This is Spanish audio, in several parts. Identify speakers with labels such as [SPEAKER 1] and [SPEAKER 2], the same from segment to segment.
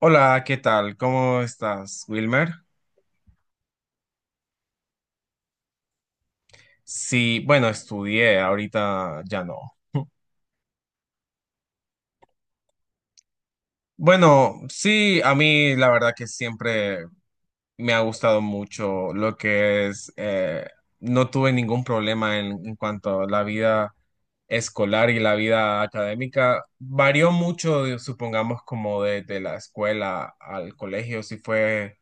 [SPEAKER 1] Hola, ¿qué tal? ¿Cómo estás, Wilmer? Sí, bueno, estudié, ahorita ya no. Bueno, sí, a mí la verdad que siempre me ha gustado mucho lo que es, no tuve ningún problema en cuanto a la vida escolar y la vida académica. Varió mucho, supongamos, como de la escuela al colegio, si fue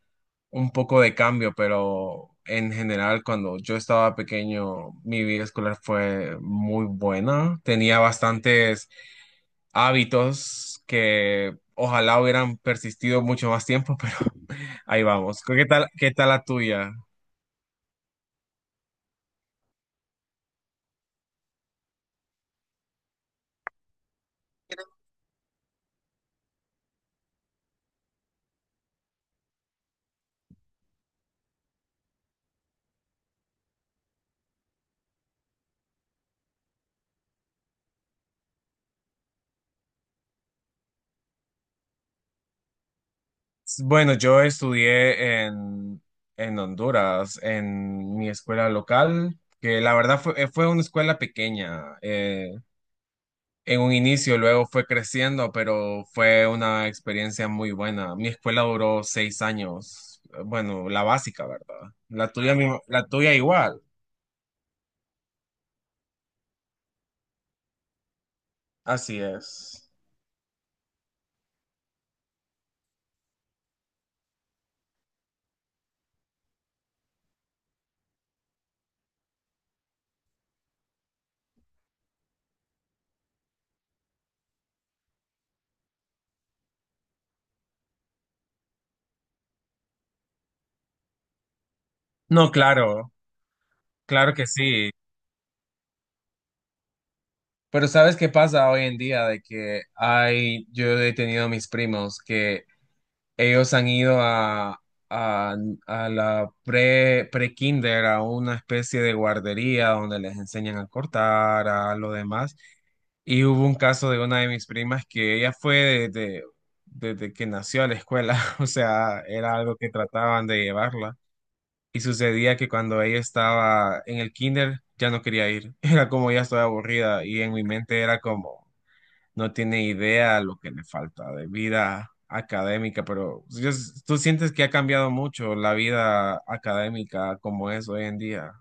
[SPEAKER 1] un poco de cambio, pero en general cuando yo estaba pequeño, mi vida escolar fue muy buena. Tenía bastantes hábitos que ojalá hubieran persistido mucho más tiempo, pero ahí vamos. Qué tal la tuya? Bueno, yo estudié en Honduras, en mi escuela local, que la verdad fue, fue una escuela pequeña. En un inicio, luego fue creciendo, pero fue una experiencia muy buena. Mi escuela duró seis años, bueno, la básica, ¿verdad? La tuya, la tuya igual. Así es. No, claro, claro que sí. Pero ¿sabes qué pasa hoy en día? De que hay, yo he tenido mis primos que ellos han ido a, a la pre-kinder, a una especie de guardería donde les enseñan a cortar, a lo demás. Y hubo un caso de una de mis primas que ella fue desde que nació a la escuela, o sea, era algo que trataban de llevarla. Y sucedía que cuando ella estaba en el kinder ya no quería ir, era como ya estoy aburrida y en mi mente era como no tiene idea lo que le falta de vida académica, pero pues, tú sientes que ha cambiado mucho la vida académica como es hoy en día.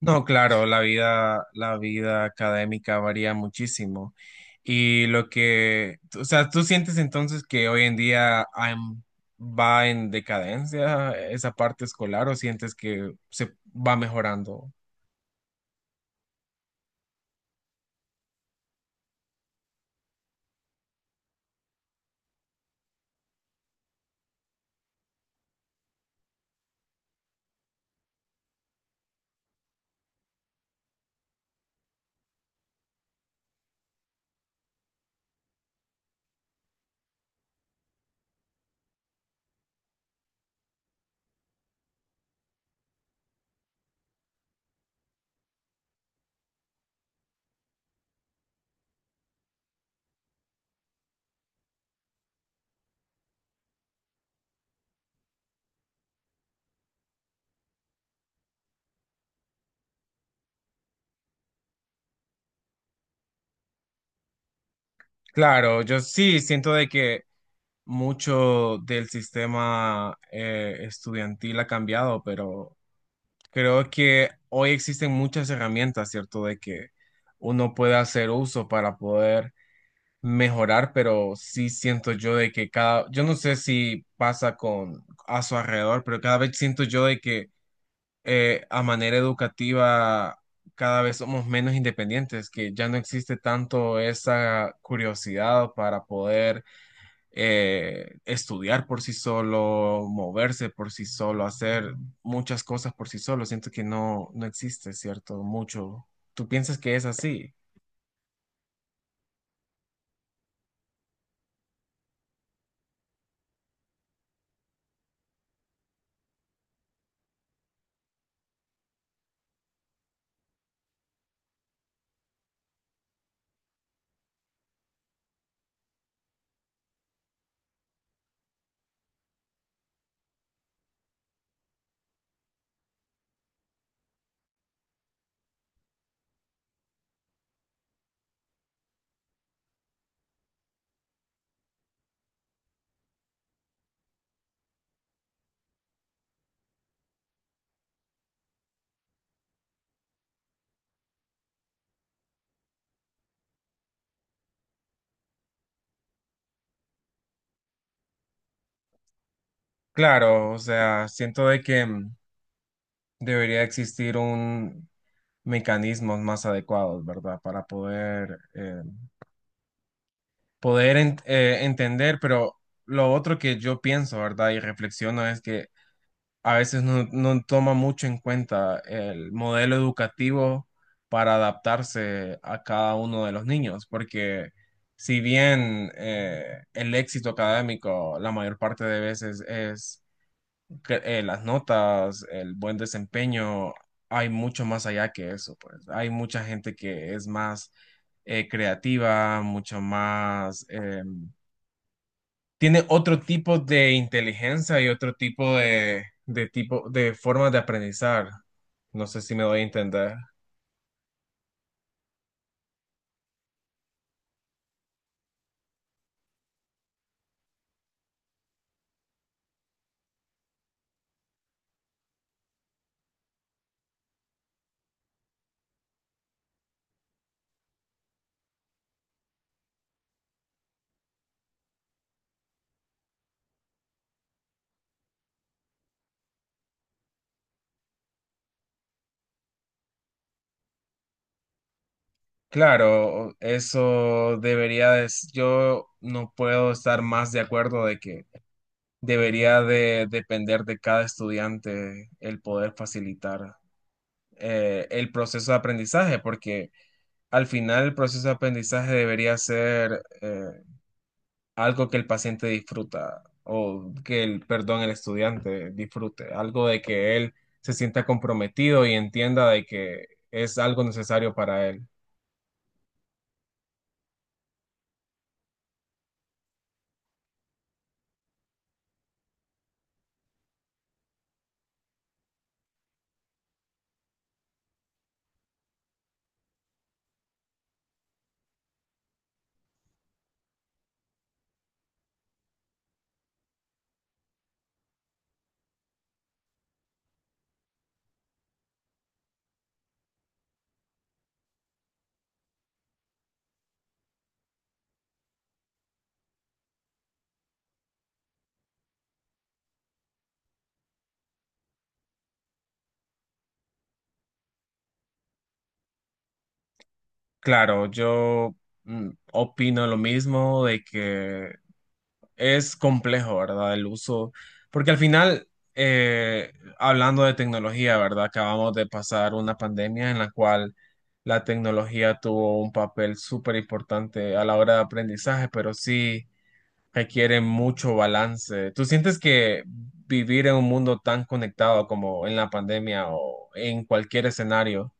[SPEAKER 1] No, claro, la vida académica varía muchísimo. Y lo que, o sea, ¿tú sientes entonces que hoy en día va en decadencia esa parte escolar o sientes que se va mejorando? Claro, yo sí siento de que mucho del sistema estudiantil ha cambiado, pero creo que hoy existen muchas herramientas, ¿cierto? De que uno puede hacer uso para poder mejorar, pero sí siento yo de que cada, yo no sé si pasa con a su alrededor, pero cada vez siento yo de que a manera educativa cada vez somos menos independientes, que ya no existe tanto esa curiosidad para poder estudiar por sí solo, moverse por sí solo, hacer muchas cosas por sí solo. Siento que no, no existe, ¿cierto? Mucho. ¿Tú piensas que es así? Claro, o sea, siento de que debería existir un mecanismos más adecuados, ¿verdad? Para poder, poder entender, pero lo otro que yo pienso, ¿verdad? Y reflexiono es que a veces no, no toma mucho en cuenta el modelo educativo para adaptarse a cada uno de los niños, porque si bien el éxito académico la mayor parte de veces es las notas, el buen desempeño, hay mucho más allá que eso, pues. Hay mucha gente que es más creativa, mucho más, tiene otro tipo de inteligencia y otro tipo de tipo de formas de aprendizar. No sé si me doy a entender. Claro, eso debería de, yo no puedo estar más de acuerdo de que debería de depender de cada estudiante el poder facilitar. El proceso de aprendizaje, porque al final el proceso de aprendizaje debería ser algo que el paciente disfruta o que el, perdón, el estudiante disfrute, algo de que él se sienta comprometido y entienda de que es algo necesario para él. Claro, yo opino lo mismo de que es complejo, ¿verdad? El uso, porque al final, eh, hablando de tecnología, ¿verdad? Acabamos de pasar una pandemia en la cual la tecnología tuvo un papel súper importante a la hora de aprendizaje, pero sí requiere mucho balance. ¿Tú sientes que vivir en un mundo tan conectado como en la pandemia o en cualquier escenario,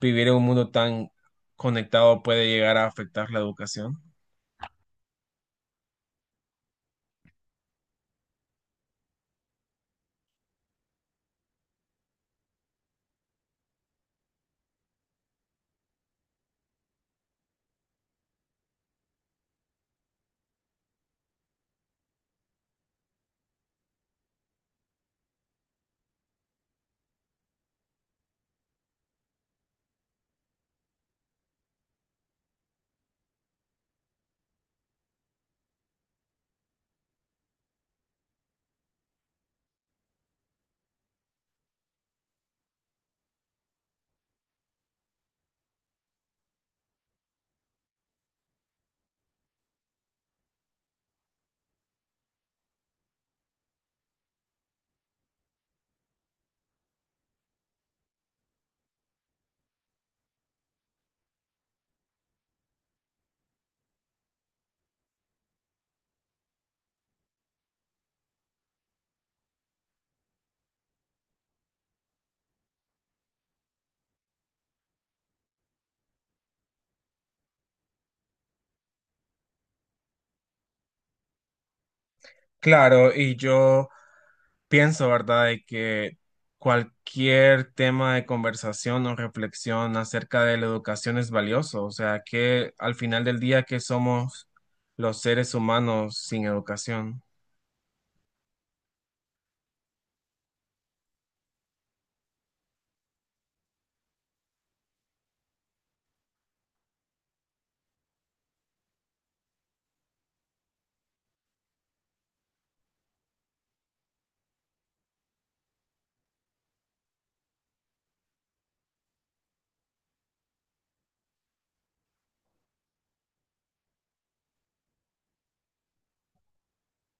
[SPEAKER 1] vivir en un mundo tan conectado puede llegar a afectar la educación? Claro, y yo pienso, ¿verdad?, de que cualquier tema de conversación o reflexión acerca de la educación es valioso, o sea, que al final del día, ¿que somos los seres humanos sin educación?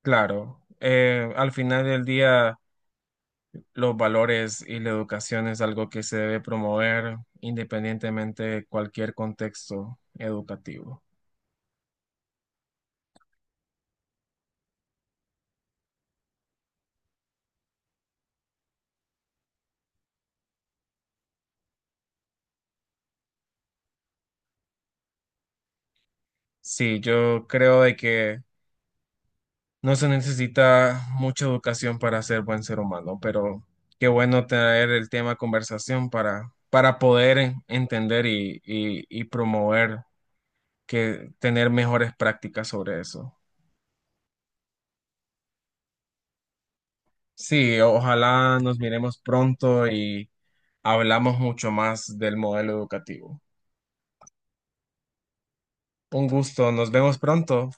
[SPEAKER 1] Claro, al final del día, los valores y la educación es algo que se debe promover independientemente de cualquier contexto educativo. Sí, yo creo de que no se necesita mucha educación para ser buen ser humano, pero qué bueno traer el tema a conversación para poder entender y promover que tener mejores prácticas sobre eso. Sí, ojalá nos miremos pronto y hablamos mucho más del modelo educativo. Un gusto, nos vemos pronto.